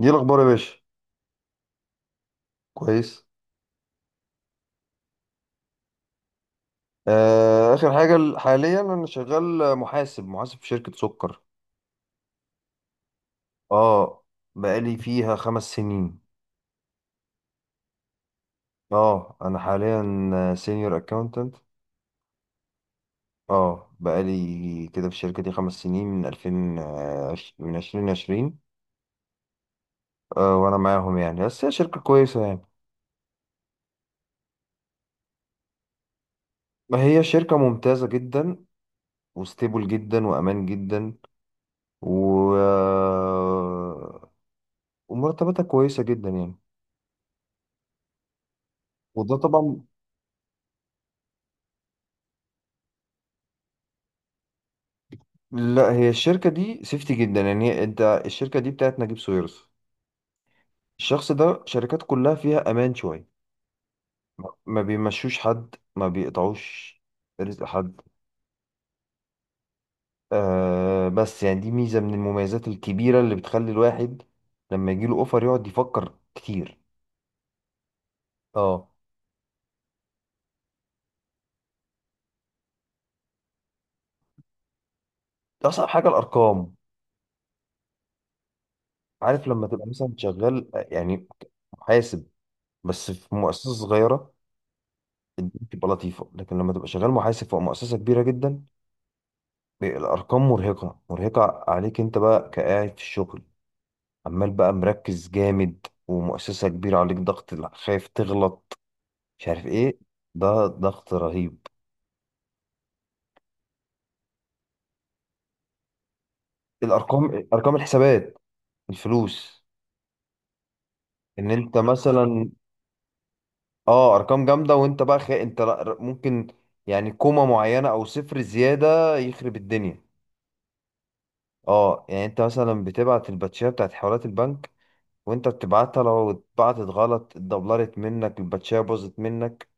دي الاخبار يا باشا. كويس. آه، اخر حاجه حاليا انا شغال محاسب في شركه سكر. اه، بقالي فيها 5 سنين. اه، انا حاليا سينيور اكاونتنت. اه، بقالي كده في الشركه دي 5 سنين من 2020. آه، وانا معاهم يعني، بس هي شركه كويسه يعني. ما هي شركه ممتازه جدا، وستيبل جدا، وامان جدا، و آه، ومرتباتها كويسه جدا يعني. وده طبعا. لا، هي الشركة دي سيفتي جدا يعني، انت الشركة دي بتاعت نجيب ساويرس. الشخص ده شركات كلها فيها امان شوية. ما بيمشوش حد، ما بيقطعوش رزق حد. آه بس يعني، دي ميزة من المميزات الكبيرة اللي بتخلي الواحد لما يجيله اوفر يقعد يفكر كتير. اه، اصعب حاجة الارقام. عارف لما تبقى مثلا شغال يعني محاسب بس في مؤسسة صغيرة، الدنيا بتبقى لطيفة، لكن لما تبقى شغال محاسب في مؤسسة كبيرة جدا، الارقام مرهقه مرهقه عليك انت بقى كقاعد في الشغل، عمال بقى مركز جامد، ومؤسسه كبيره عليك ضغط، لا، خايف تغلط، مش عارف ايه. ده ضغط رهيب. الارقام، ارقام الحسابات، الفلوس. ان انت مثلا، اه، ارقام جامده، وانت بقى خي... انت لا- ممكن يعني كومه معينه او صفر زياده يخرب الدنيا. اه يعني انت مثلا بتبعت الباتشيه بتاعت حوالات البنك، وانت بتبعتها لو اتبعتت غلط اتدبلرت منك الباتشيه باظت منك.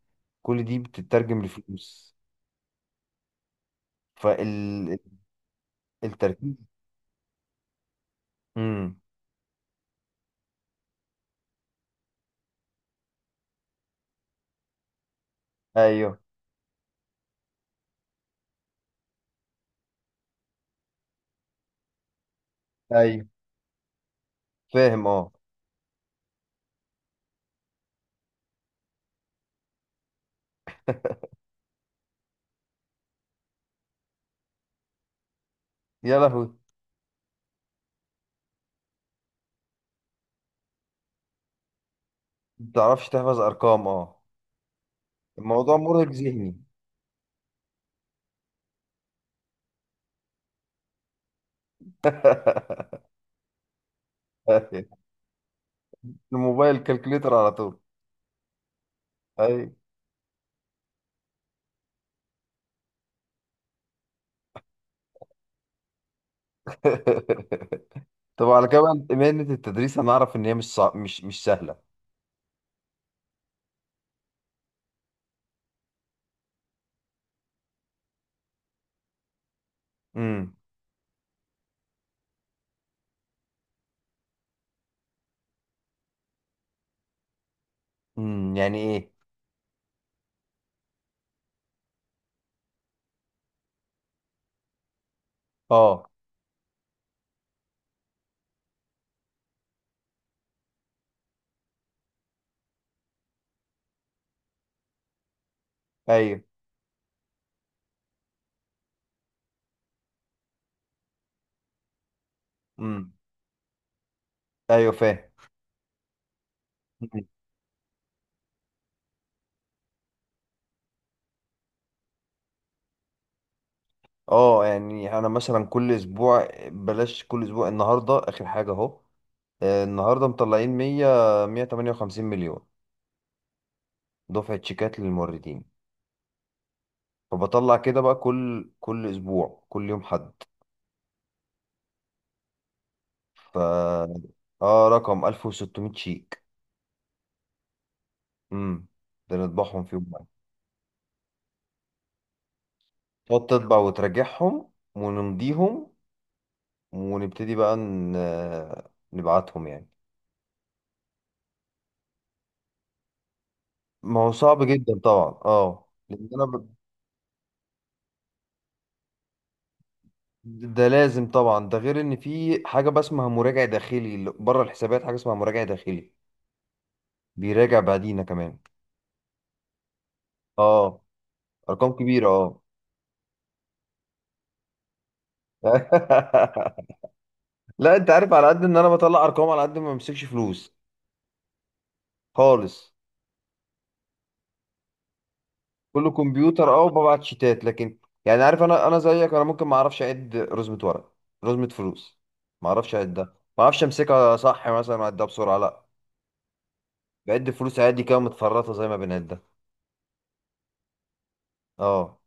كل دي بتترجم لفلوس، فالتركيز. امم. ايوه، ايوه، فاهم، اه. يا لهوي، ما بتعرفش تحفظ ارقام، اه. الموضوع مرهق ذهني. أيوة. الموبايل كالكوليتر على طول. ايوه. طب على كده بقى، مهنة التدريس هنعرف ان هي مش صع... مش مش سهلة. امم، امم، يعني ايه؟ اه، ايوه، امم، ايوه، فاهم. مم. اه يعني انا مثلا كل اسبوع، بلاش كل اسبوع، النهارده اخر حاجة اهو. آه، النهارده مطلعين 100، 158 مليون دفعة شيكات للموردين. فبطلع كده بقى كل اسبوع كل يوم حد، ف اه رقم 1600 شيك. امم، ده نطبعهم في يوم واحد. تقعد تطبع وتراجعهم ونمضيهم، ونبتدي بقى نبعتهم يعني. ما هو صعب جدا طبعا، اه، لان انا ده لازم طبعا. ده غير ان في حاجه بقى اسمها مراجع داخلي بره الحسابات، حاجه اسمها مراجع داخلي بيراجع بعدينا كمان. اه، ارقام كبيره، اه. لا، انت عارف على قد ان انا بطلع ارقام، على قد ما بمسكش فلوس خالص. كله كمبيوتر، اه، وببعت شيتات، لكن يعني عارف، انا زيك، انا ممكن ما اعرفش اعد رزمه ورق، رزمه فلوس، ما اعرفش اعدها. ما اعرفش امسكها صح مثلا واعدها بسرعه، لا. بعد فلوس عادي كده متفرطه زي ما بنعدها. اه.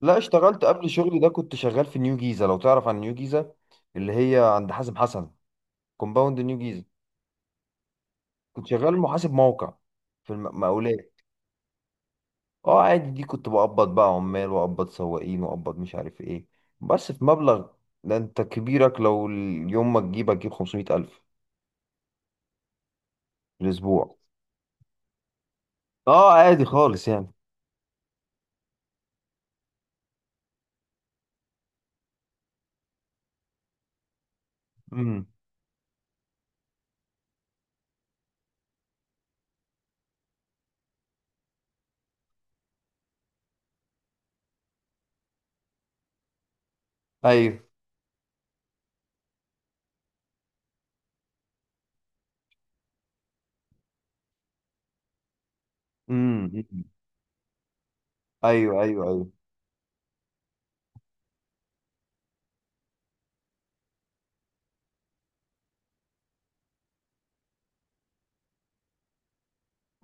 لا، اشتغلت قبل شغلي ده كنت شغال في نيو جيزه، لو تعرف عن نيو جيزه، اللي هي عند حازم حسن، كومباوند نيو جيزه. كنت شغال محاسب موقع في المقاولات. اه عادي، دي كنت بقبض بقى عمال، واقبض سواقين، واقبض مش عارف ايه. بس في مبلغ، ده انت كبيرك لو اليوم ما تجيب هتجيب 500 ألف في الأسبوع. اه عادي خالص يعني. امم، ايوه، امم، ايوه، ايوه، ايوه،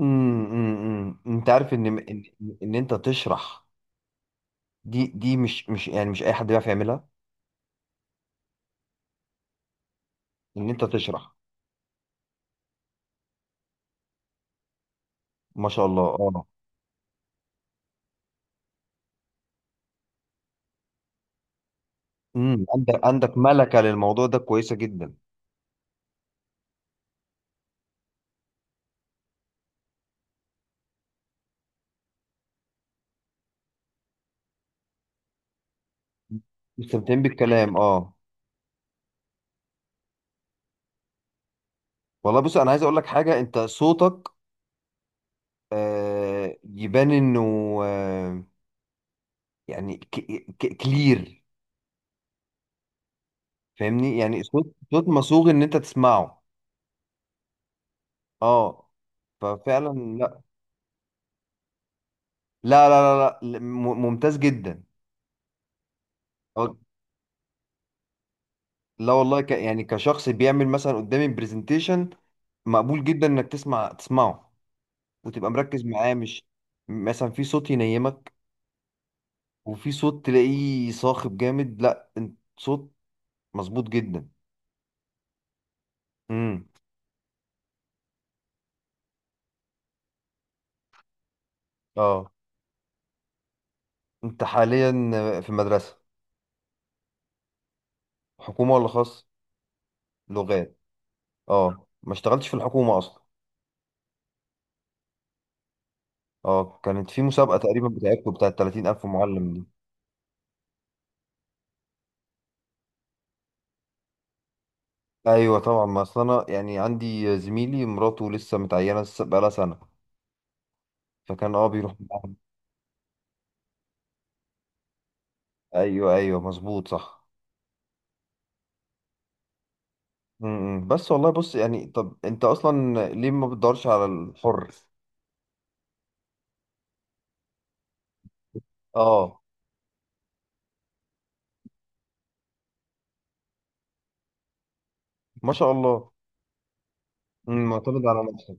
امم، امم. أمم. انت عارف ان انت تشرح، دي مش يعني، مش اي حد بيعرف يعملها، ان انت تشرح. ما شاء الله، اه. امم، عندك ملكة للموضوع ده كويسة جدا. مستمتعين بالكلام، اه. والله بص، انا عايز اقول لك حاجه، انت صوتك، آه، يبان انه، آه يعني كلير. فاهمني، يعني صوت، صوت مصوغ ان انت تسمعه. اه، ففعلا. لا، لا، لا، لا, لا، ممتاز جدا. آه، لا والله، يعني كشخص بيعمل مثلا قدامي برزنتيشن، مقبول جدا انك تسمعه وتبقى مركز معاه، مش مثلا في صوت ينيمك، وفي صوت تلاقيه صاخب جامد، لا انت صوت مظبوط جدا. امم، اه. انت حاليا في مدرسة حكومة ولا خاص؟ لغات. اه، ما اشتغلتش في الحكومة اصلا. اه، كانت في مسابقة تقريبا بتاعتكم بتاعت 30000 معلم دي. ايوه طبعا، ما اصل انا يعني عندي زميلي مراته لسه متعينة، لسه بقالها سنة. فكان، اه، بيروح معاهم. ايوه، ايوه، مظبوط، صح. امم، بس والله بص يعني، طب انت اصلا ليه ما بتدورش على الحر؟ اه، ما شاء الله. مم، معتمد على نفسك.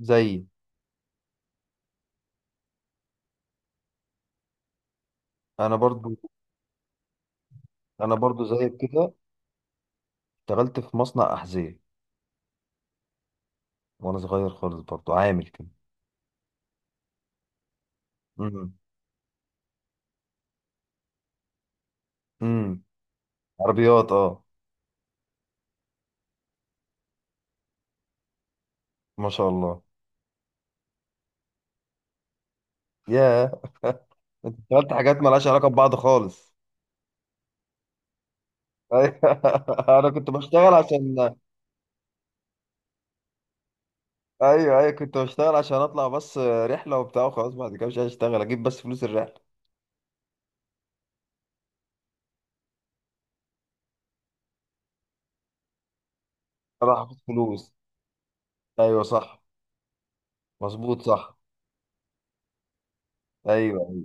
زي انا برضو انا برضو زيك كده، اشتغلت في مصنع احذية وانا صغير خالص برضو عامل كده. امم، امم، عربيات، اه. ما شاء الله. ياه. انت اشتغلت حاجات مالهاش علاقه ببعض خالص. ايوه، انا كنت بشتغل عشان، ايوه، ايوه، كنت بشتغل عشان اطلع بس رحله وبتاع وخلاص. بعد كده مش عايز اشتغل، اجيب بس فلوس الرحله. انا حافظ فلوس. ايوه صح. مظبوط صح. ايوه.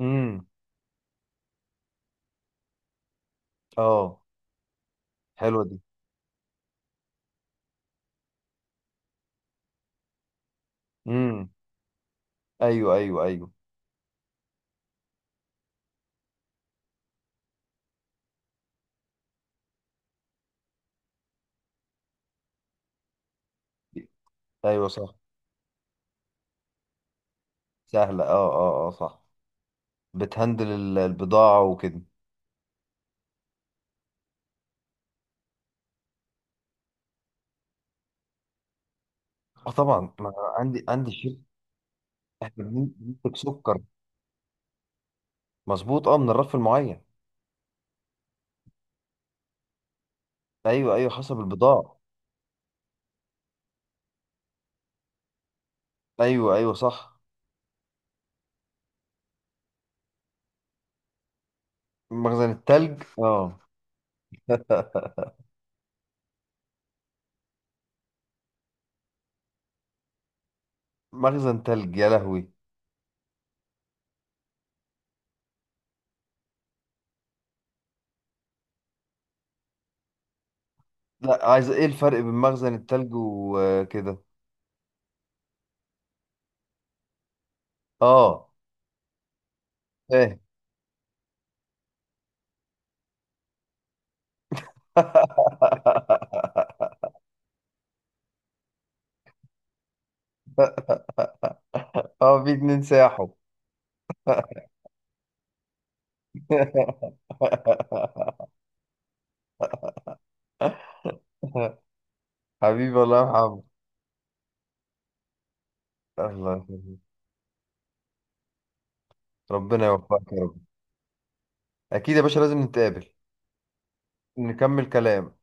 امم، اه، حلوه دي. امم، ايوه، ايوه، ايوه، ايوه صح. سهله، اه، اه، اه، صح. بتهندل البضاعه وكده. اه طبعا، ما عندي شيء، احنا بننتج سكر. مظبوط اه، من الرف المعين. ايوه، ايوه، حسب البضاعة. ايوه، ايوه، صح. مخزن التلج، اه. مخزن تلج، يا لهوي. لا، عايز ايه الفرق بين مخزن التلج وكده؟ اه، فاهم. اه، في اتنين ساحوا. حبيبي، الله، يا محمد. الله يخليك. ربنا يوفقك يا رب. اكيد يا باشا، لازم نتقابل، نكمل كلام،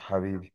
حبيبي.